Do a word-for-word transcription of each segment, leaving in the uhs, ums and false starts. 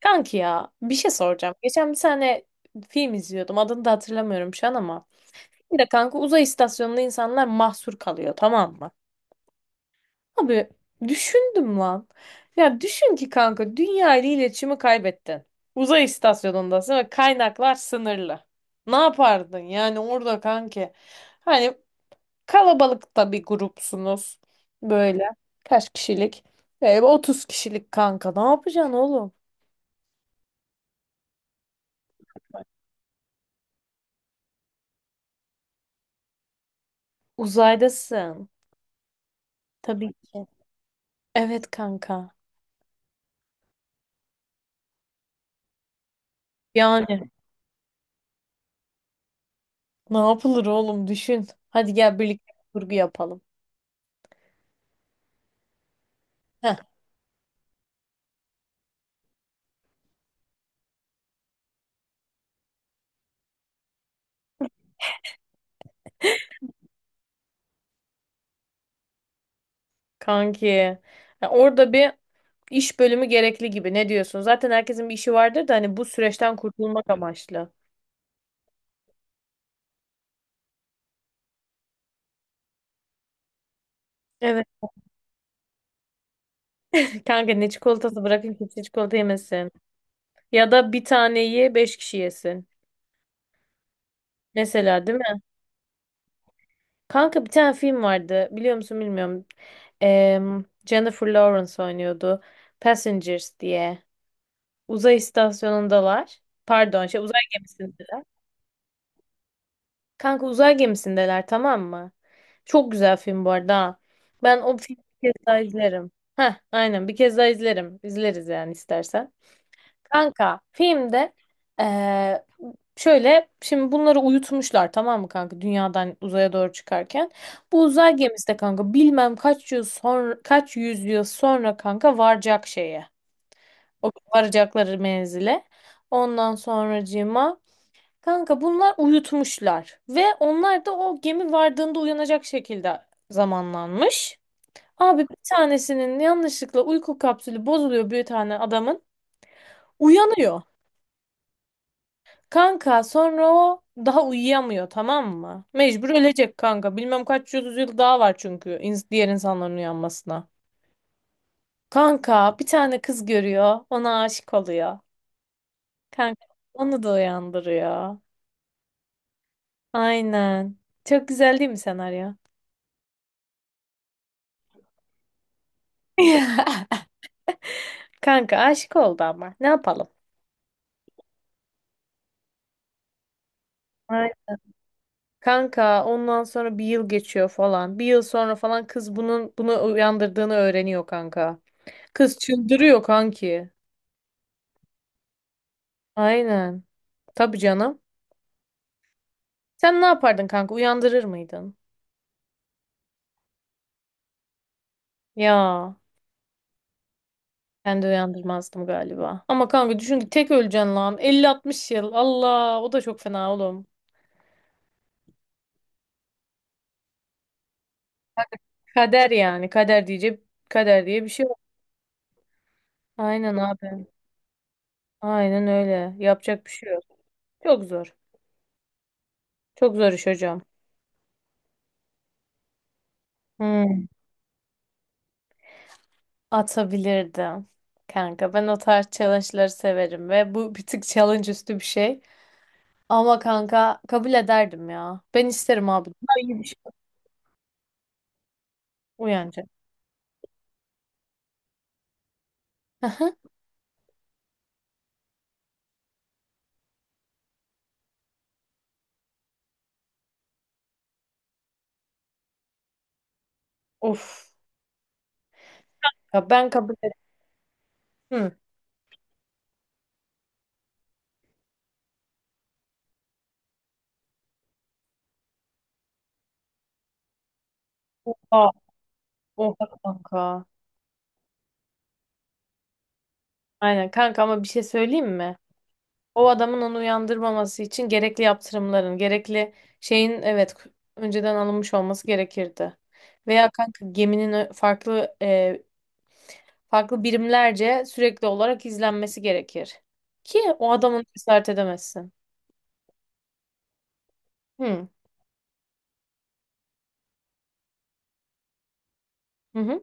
Kanki ya bir şey soracağım. Geçen bir tane film izliyordum. Adını da hatırlamıyorum şu an ama. Bir de kanka uzay istasyonunda insanlar mahsur kalıyor, tamam mı? Abi düşündüm lan. Ya düşün ki kanka dünya ile iletişimi kaybettin. Uzay istasyonundasın ve kaynaklar sınırlı. Ne yapardın yani orada kanki? Hani kalabalıkta bir grupsunuz böyle. Kaç kişilik? E, otuz kişilik kanka, ne yapacaksın oğlum? Uzaydasın. Tabii ki. Evet kanka. Yani ne yapılır oğlum, düşün. Hadi gel birlikte bir kurgu yapalım. Heh, kanki. Ya orada bir iş bölümü gerekli gibi. Ne diyorsun? Zaten herkesin bir işi vardır da hani bu süreçten kurtulmak amaçlı. Evet. Kanka ne çikolatası, bırakın kimse çikolata yemesin. Ya da bir taneyi beş kişi yesin. Mesela, değil mi? Kanka bir tane film vardı. Biliyor musun bilmiyorum. Em, Jennifer Lawrence oynuyordu. Passengers diye. Uzay istasyonundalar. Pardon, şey, uzay gemisindeler. Kanka uzay gemisindeler, tamam mı? Çok güzel film bu arada. Ha. Ben o filmi bir kez daha izlerim. Heh, aynen, bir kez daha izlerim. İzleriz yani istersen. Kanka filmde eee, şöyle, şimdi bunları uyutmuşlar tamam mı kanka, dünyadan uzaya doğru çıkarken. Bu uzay gemisi de kanka bilmem kaç yıl sonra, kaç yüzyıl sonra kanka varacak şeye. O varacakları menzile. Ondan sonracığıma kanka bunlar uyutmuşlar ve onlar da o gemi vardığında uyanacak şekilde zamanlanmış. Abi bir tanesinin yanlışlıkla uyku kapsülü bozuluyor, bir tane adamın. Uyanıyor. Kanka sonra o daha uyuyamıyor, tamam mı? Mecbur ölecek kanka. Bilmem kaç yüz yıl daha var çünkü ins- diğer insanların uyanmasına. Kanka bir tane kız görüyor. Ona aşık oluyor. Kanka onu da uyandırıyor. Aynen. Çok güzel değil mi senaryo? Kanka aşık oldu ama. Ne yapalım? Ay, kanka ondan sonra bir yıl geçiyor falan. Bir yıl sonra falan kız bunun bunu uyandırdığını öğreniyor kanka. Kız çıldırıyor kanki. Aynen. Tabii canım. Sen ne yapardın kanka? Uyandırır mıydın? Ya ben de uyandırmazdım galiba. Ama kanka düşün ki tek öleceksin lan. Elli altmış yıl. Allah, o da çok fena oğlum. Kader yani. Kader diyecek. Kader diye bir şey yok. Aynen abi. Aynen öyle. Yapacak bir şey yok. Çok zor. Çok zor iş hocam. Hmm. Atabilirdim. Kanka ben o tarz challenge'ları severim ve bu bir tık challenge üstü bir şey. Ama kanka kabul ederdim ya. Ben isterim abi. Daha iyi bir şey. Uyanacak. Aha. Of. Ya ben kabul ettim. Oha. Oha kanka. Aynen kanka, ama bir şey söyleyeyim mi? O adamın onu uyandırmaması için gerekli yaptırımların, gerekli şeyin, evet, önceden alınmış olması gerekirdi. Veya kanka geminin ö- farklı, e, farklı birimlerce sürekli olarak izlenmesi gerekir. Ki o adamın cesaret edemezsin. Hı. Hı hı.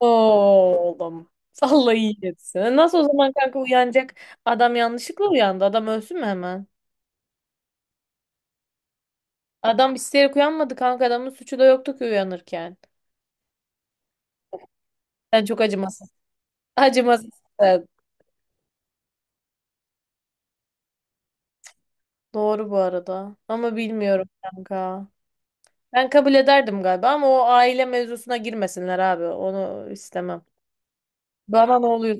Oğlum. Allah iyi etsin. Nasıl o zaman kanka uyanacak? Adam yanlışlıkla uyandı. Adam ölsün mü hemen? Adam isteyerek uyanmadı kanka. Adamın suçu da yoktu ki uyanırken. Sen çok acımasız. Acımasız. Doğru bu arada. Ama bilmiyorum kanka. Ben kabul ederdim galiba ama o aile mevzusuna girmesinler abi. Onu istemem. Bana ne oluyor?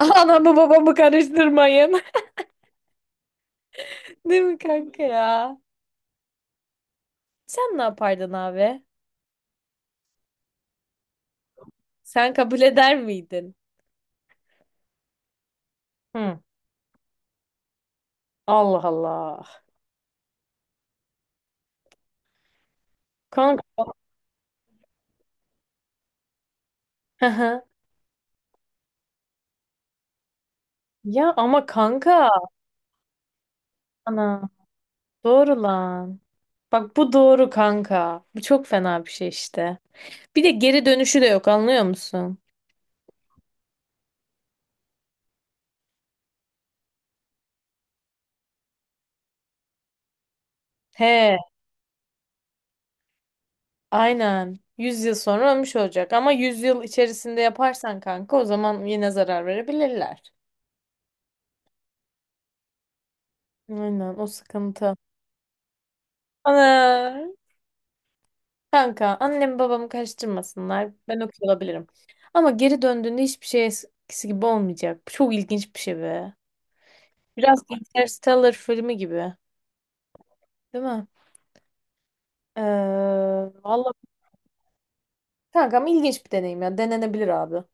Anamı babamı karıştırmayın. Değil mi kanka ya? Sen ne yapardın abi? Sen kabul eder miydin? Hı. Allah Allah. Kanka. Hı hı. Ya ama kanka. Ana. Doğru lan. Bak, bu doğru kanka. Bu çok fena bir şey işte. Bir de geri dönüşü de yok, anlıyor musun? He, aynen. yüz yıl sonra ölmüş olacak ama yüz yıl içerisinde yaparsan kanka, o zaman yine zarar verebilirler. Aynen, o sıkıntı. Ana, kanka annem babamı karıştırmasınlar. Ben okuyor olabilirim. Ama geri döndüğünde hiçbir şey eskisi gibi olmayacak. Bu çok ilginç bir şey be. Biraz Interstellar filmi gibi. Değil mi? Ee, vallahi kanka ama ilginç bir deneyim ya. Denenebilir abi.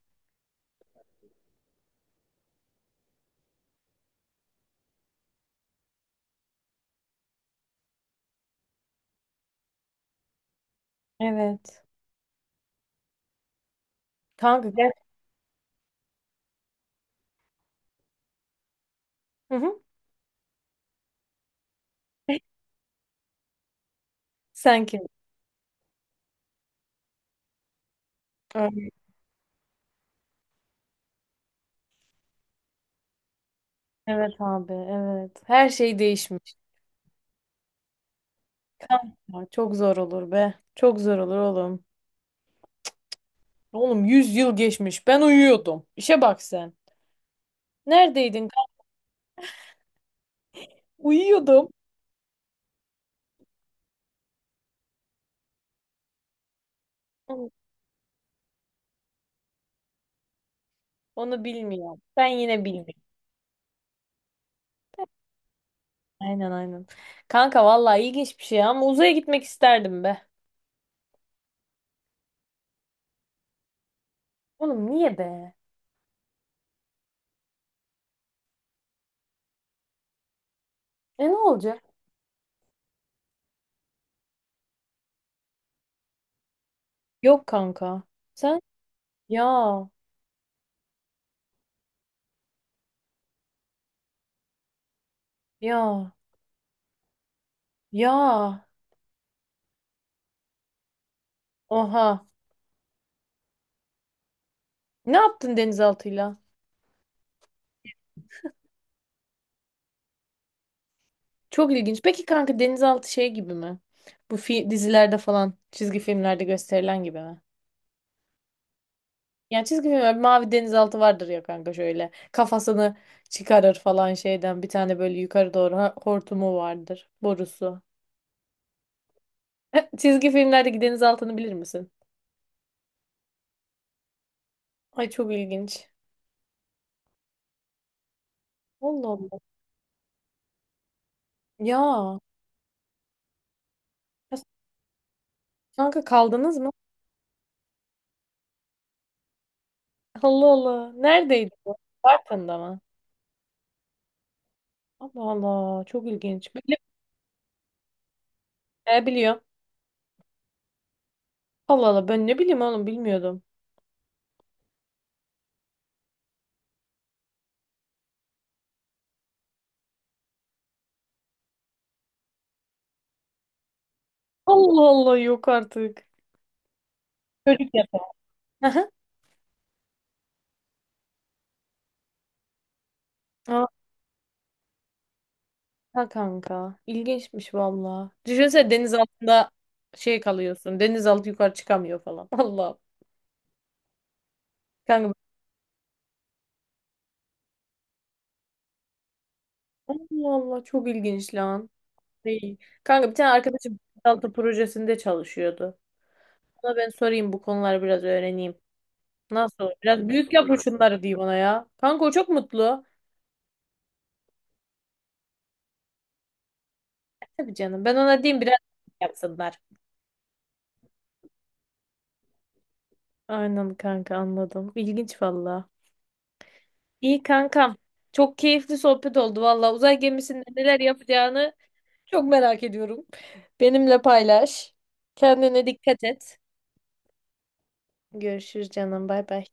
Evet. Kanka gel. Hı hı. Sen kim? Evet abi, evet. Her şey değişmiş. Kanka, çok zor olur be. Çok zor olur oğlum. Oğlum yüz yıl geçmiş. Ben uyuyordum. İşe bak sen. Neredeydin kanka? Uyuyordum. Onu bilmiyorum. Ben yine bilmiyorum. Aynen, aynen. Kanka vallahi ilginç bir şey ama uzaya gitmek isterdim be. Oğlum niye be? E ne olacak? Yok kanka. Sen? Ya. Ya. Ya. Oha. Ne yaptın denizaltıyla? Çok ilginç. Peki kanka denizaltı şey gibi mi? Bu fi dizilerde falan, çizgi filmlerde gösterilen gibi mi? Yani çizgi filmler, bir mavi denizaltı vardır ya kanka, şöyle. Kafasını çıkarır falan şeyden. Bir tane böyle yukarı doğru ha- hortumu vardır. Borusu. Çizgi filmlerdeki denizaltını bilir misin? Ay çok ilginç. Allah Allah. Ya. Ya, kanka kaldınız mı? Allah Allah. Neredeydi bu? Bartın'da mı? Allah Allah. Çok ilginç. Bilim ne biliyor? Allah Allah. Ben ne bileyim oğlum, bilmiyordum. Allah Allah, yok artık. Çocuk yap. Aha. Aa, ha kanka. İlginçmiş valla. Düşünsene, deniz altında şey kalıyorsun, denizaltı yukarı çıkamıyor falan. Allah. Kanka Allah Allah, çok ilginç lan. Değil. Kanka bir tane arkadaşım denizaltı projesinde çalışıyordu. Ona ben sorayım, bu konuları biraz öğreneyim. Nasıl olur? Biraz büyük yap şunları diyeyim ona ya. Kanka o çok mutlu. Tabii canım. Ben ona diyeyim biraz yapsınlar. Aynen kanka, anladım. İlginç valla. İyi kankam. Çok keyifli sohbet oldu valla. Uzay gemisinde neler yapacağını çok merak ediyorum. Benimle paylaş. Kendine dikkat et. Görüşürüz canım. Bay bay.